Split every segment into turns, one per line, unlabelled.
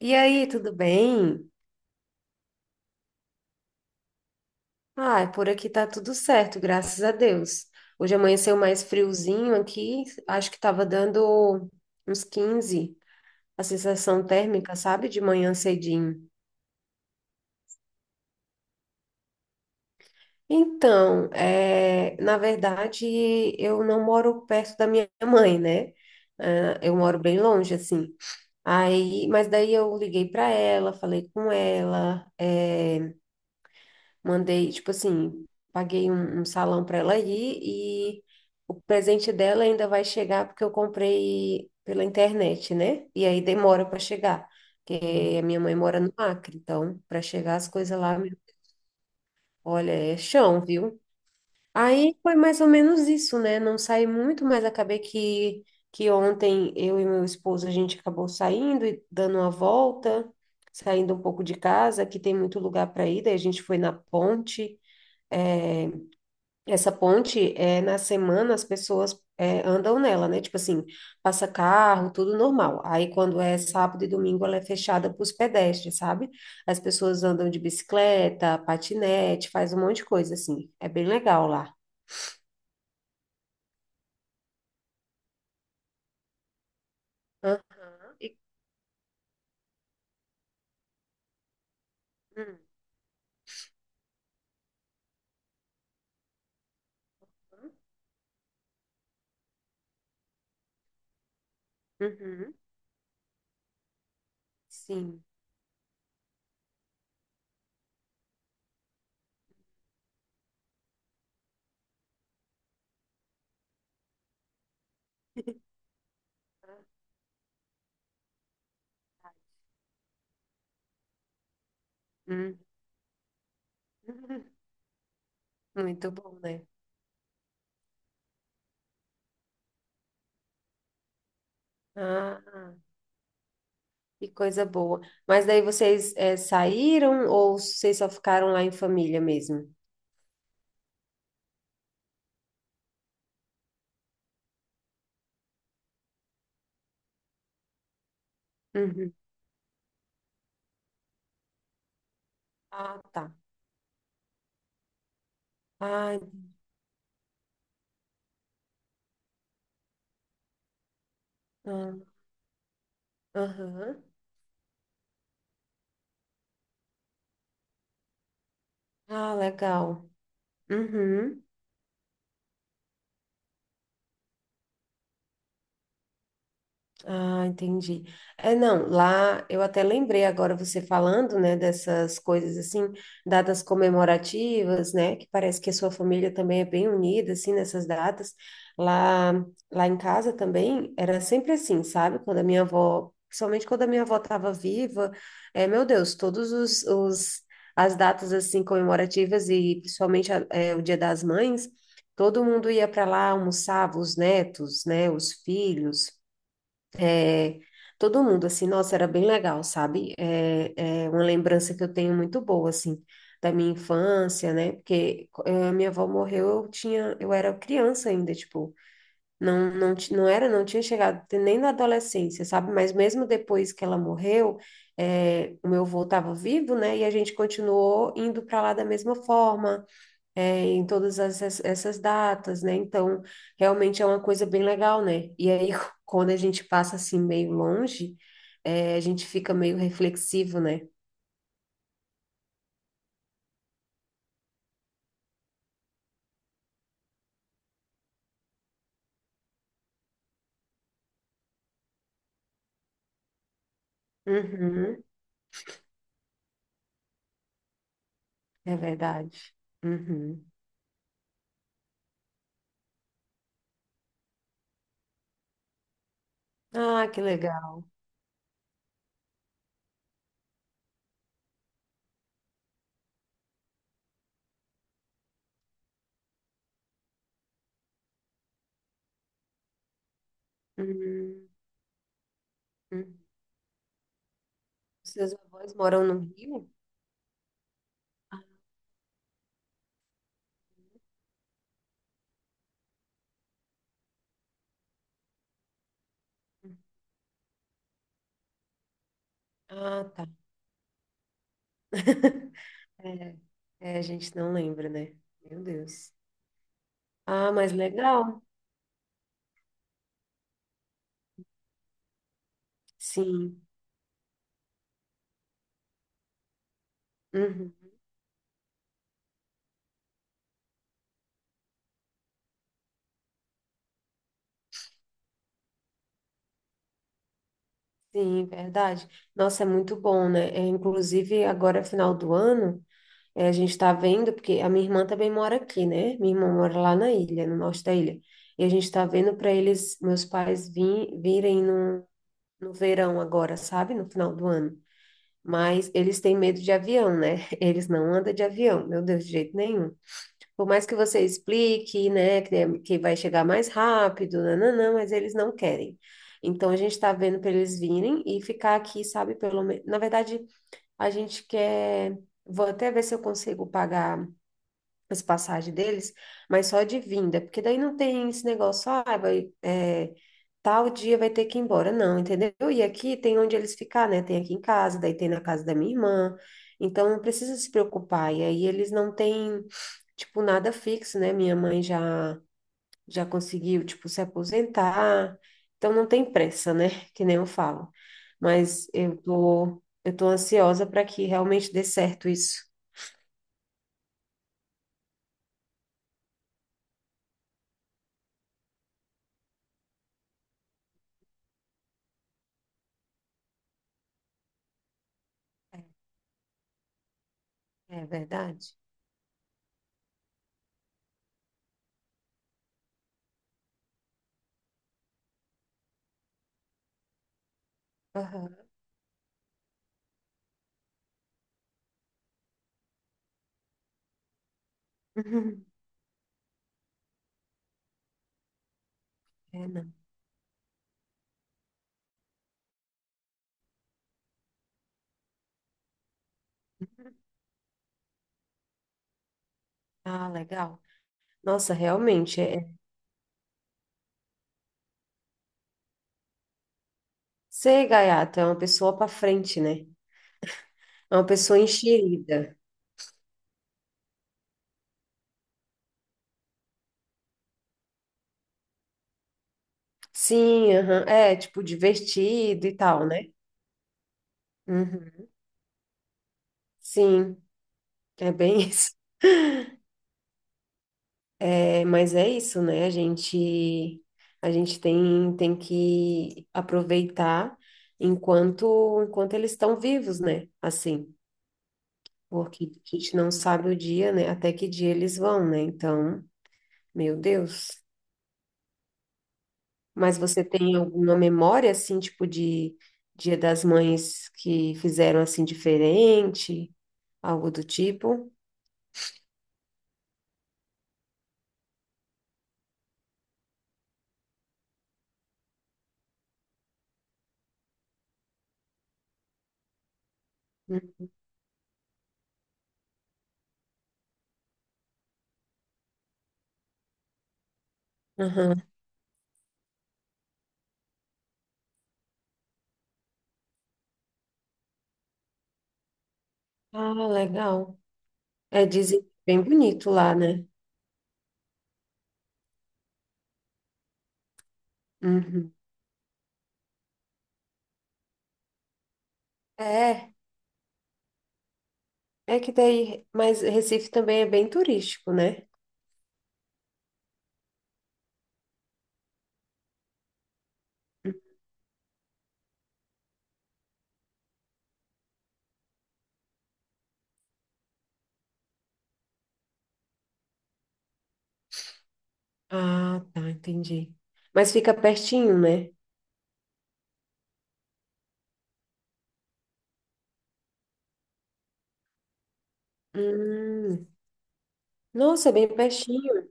E aí, tudo bem? Ah, por aqui tá tudo certo, graças a Deus. Hoje amanheceu mais friozinho aqui, acho que tava dando uns 15, a sensação térmica, sabe, de manhã cedinho. Então, é, na verdade, eu não moro perto da minha mãe, né? Ah, eu moro bem longe, assim. Aí, mas daí eu liguei para ela, falei com ela, mandei, tipo assim, paguei um salão para ela ir, e o presente dela ainda vai chegar porque eu comprei pela internet, né? E aí demora para chegar, porque a minha mãe mora no Acre, então para chegar as coisas lá, meu, olha, é chão, viu? Aí foi mais ou menos isso, né? Não saí muito, mas acabei que ontem eu e meu esposo a gente acabou saindo e dando uma volta, saindo um pouco de casa, que tem muito lugar para ir, daí a gente foi na ponte. É, essa ponte, é, na semana, as pessoas é, andam nela, né? Tipo assim, passa carro, tudo normal. Aí, quando é sábado e domingo, ela é fechada para os pedestres, sabe? As pessoas andam de bicicleta, patinete, faz um monte de coisa, assim. É bem legal lá. Aham. E- hum, uhum, sim. Hum. Muito bom, né? Ah, que coisa boa. Mas daí vocês, é, saíram ou vocês só ficaram lá em família mesmo? Ah, tá. Ah, ah, aham. Ah, legal. Uhum. Ah, entendi. É, não, lá eu até lembrei agora você falando, né, dessas coisas assim, datas comemorativas, né, que parece que a sua família também é bem unida, assim, nessas datas. Lá, lá em casa também era sempre assim, sabe? Quando a minha avó, principalmente quando a minha avó estava viva, é, meu Deus, todos os as datas assim comemorativas e principalmente é, o Dia das Mães, todo mundo ia para lá, almoçava os netos, né, os filhos. É, todo mundo, assim, nossa, era bem legal, sabe? É, é uma lembrança que eu tenho muito boa, assim, da minha infância, né? Porque minha avó morreu, eu tinha, eu era criança ainda, tipo, não, não, não era, não tinha chegado nem na adolescência, sabe? Mas mesmo depois que ela morreu, o meu avô estava vivo, né? E a gente continuou indo para lá da mesma forma, é, em todas essas datas, né? Então, realmente é uma coisa bem legal, né? E aí, quando a gente passa assim meio longe, é, a gente fica meio reflexivo, né? Uhum, é verdade. Uhum. Ah, que legal. Uhum, uhum. Seus avós moram no Rio? Ah, tá. É, é, a gente não lembra, né? Meu Deus. Ah, mas legal. Sim. Uhum. Sim, verdade. Nossa, é muito bom, né? É, inclusive, agora, é final do ano, é, a gente está vendo, porque a minha irmã também mora aqui, né? Minha irmã mora lá na ilha, no norte da ilha. E a gente está vendo para eles, meus pais, virem no, no verão agora, sabe? No final do ano. Mas eles têm medo de avião, né? Eles não andam de avião, meu Deus, de jeito nenhum. Por mais que você explique, né, que, é, que vai chegar mais rápido, nananã, mas eles não querem. Então, a gente está vendo para eles virem e ficar aqui, sabe, pelo menos. Na verdade, a gente quer. Vou até ver se eu consigo pagar as passagens deles, mas só de vinda, porque daí não tem esse negócio, ah, vai, é, tal dia vai ter que ir embora, não, entendeu? E aqui tem onde eles ficar, né? Tem aqui em casa, daí tem na casa da minha irmã. Então, não precisa se preocupar. E aí, eles não têm tipo, nada fixo, né? Minha mãe já conseguiu, tipo, se aposentar. Então não tem pressa, né? Que nem eu falo. Mas eu tô ansiosa para que realmente dê certo isso. É, é verdade. Aham. Uhum. É, não. Ah, legal. Nossa, realmente ser gaiato é uma pessoa para frente, né? É uma pessoa enxerida. Sim, aham. É, tipo divertido e tal, né? Uhum. Sim, é bem isso. É, mas é isso, né? A gente tem, tem que aproveitar enquanto, enquanto eles estão vivos, né? Assim, porque a gente não sabe o dia, né? Até que dia eles vão, né? Então, meu Deus. Mas você tem alguma memória, assim, tipo de Dia das Mães que fizeram assim diferente, algo do tipo? Hum, Aham. Ah, legal. É, dizem que é bem bonito lá, né? Uhum. É. É que daí, mas Recife também é bem turístico, né? Ah, tá, entendi. Mas fica pertinho, né? Hum, nossa, é bem pertinho.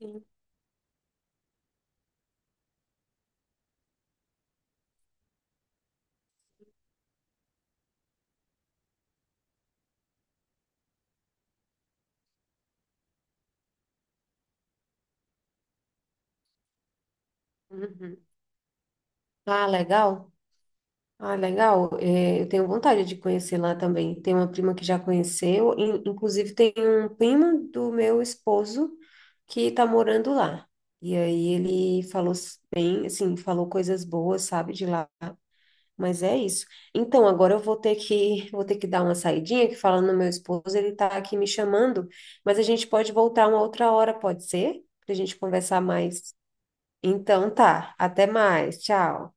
Uhum. Uhum. Ah, legal. Ah, legal. É, eu tenho vontade de conhecer lá também. Tem uma prima que já conheceu. Inclusive, tem um primo do meu esposo que tá morando lá. E aí ele falou bem, assim, falou coisas boas, sabe, de lá. Mas é isso. Então, agora eu vou ter que dar uma saidinha, que falando no meu esposo, ele tá aqui me chamando, mas a gente pode voltar uma outra hora, pode ser? Pra gente conversar mais. Então tá, até mais. Tchau.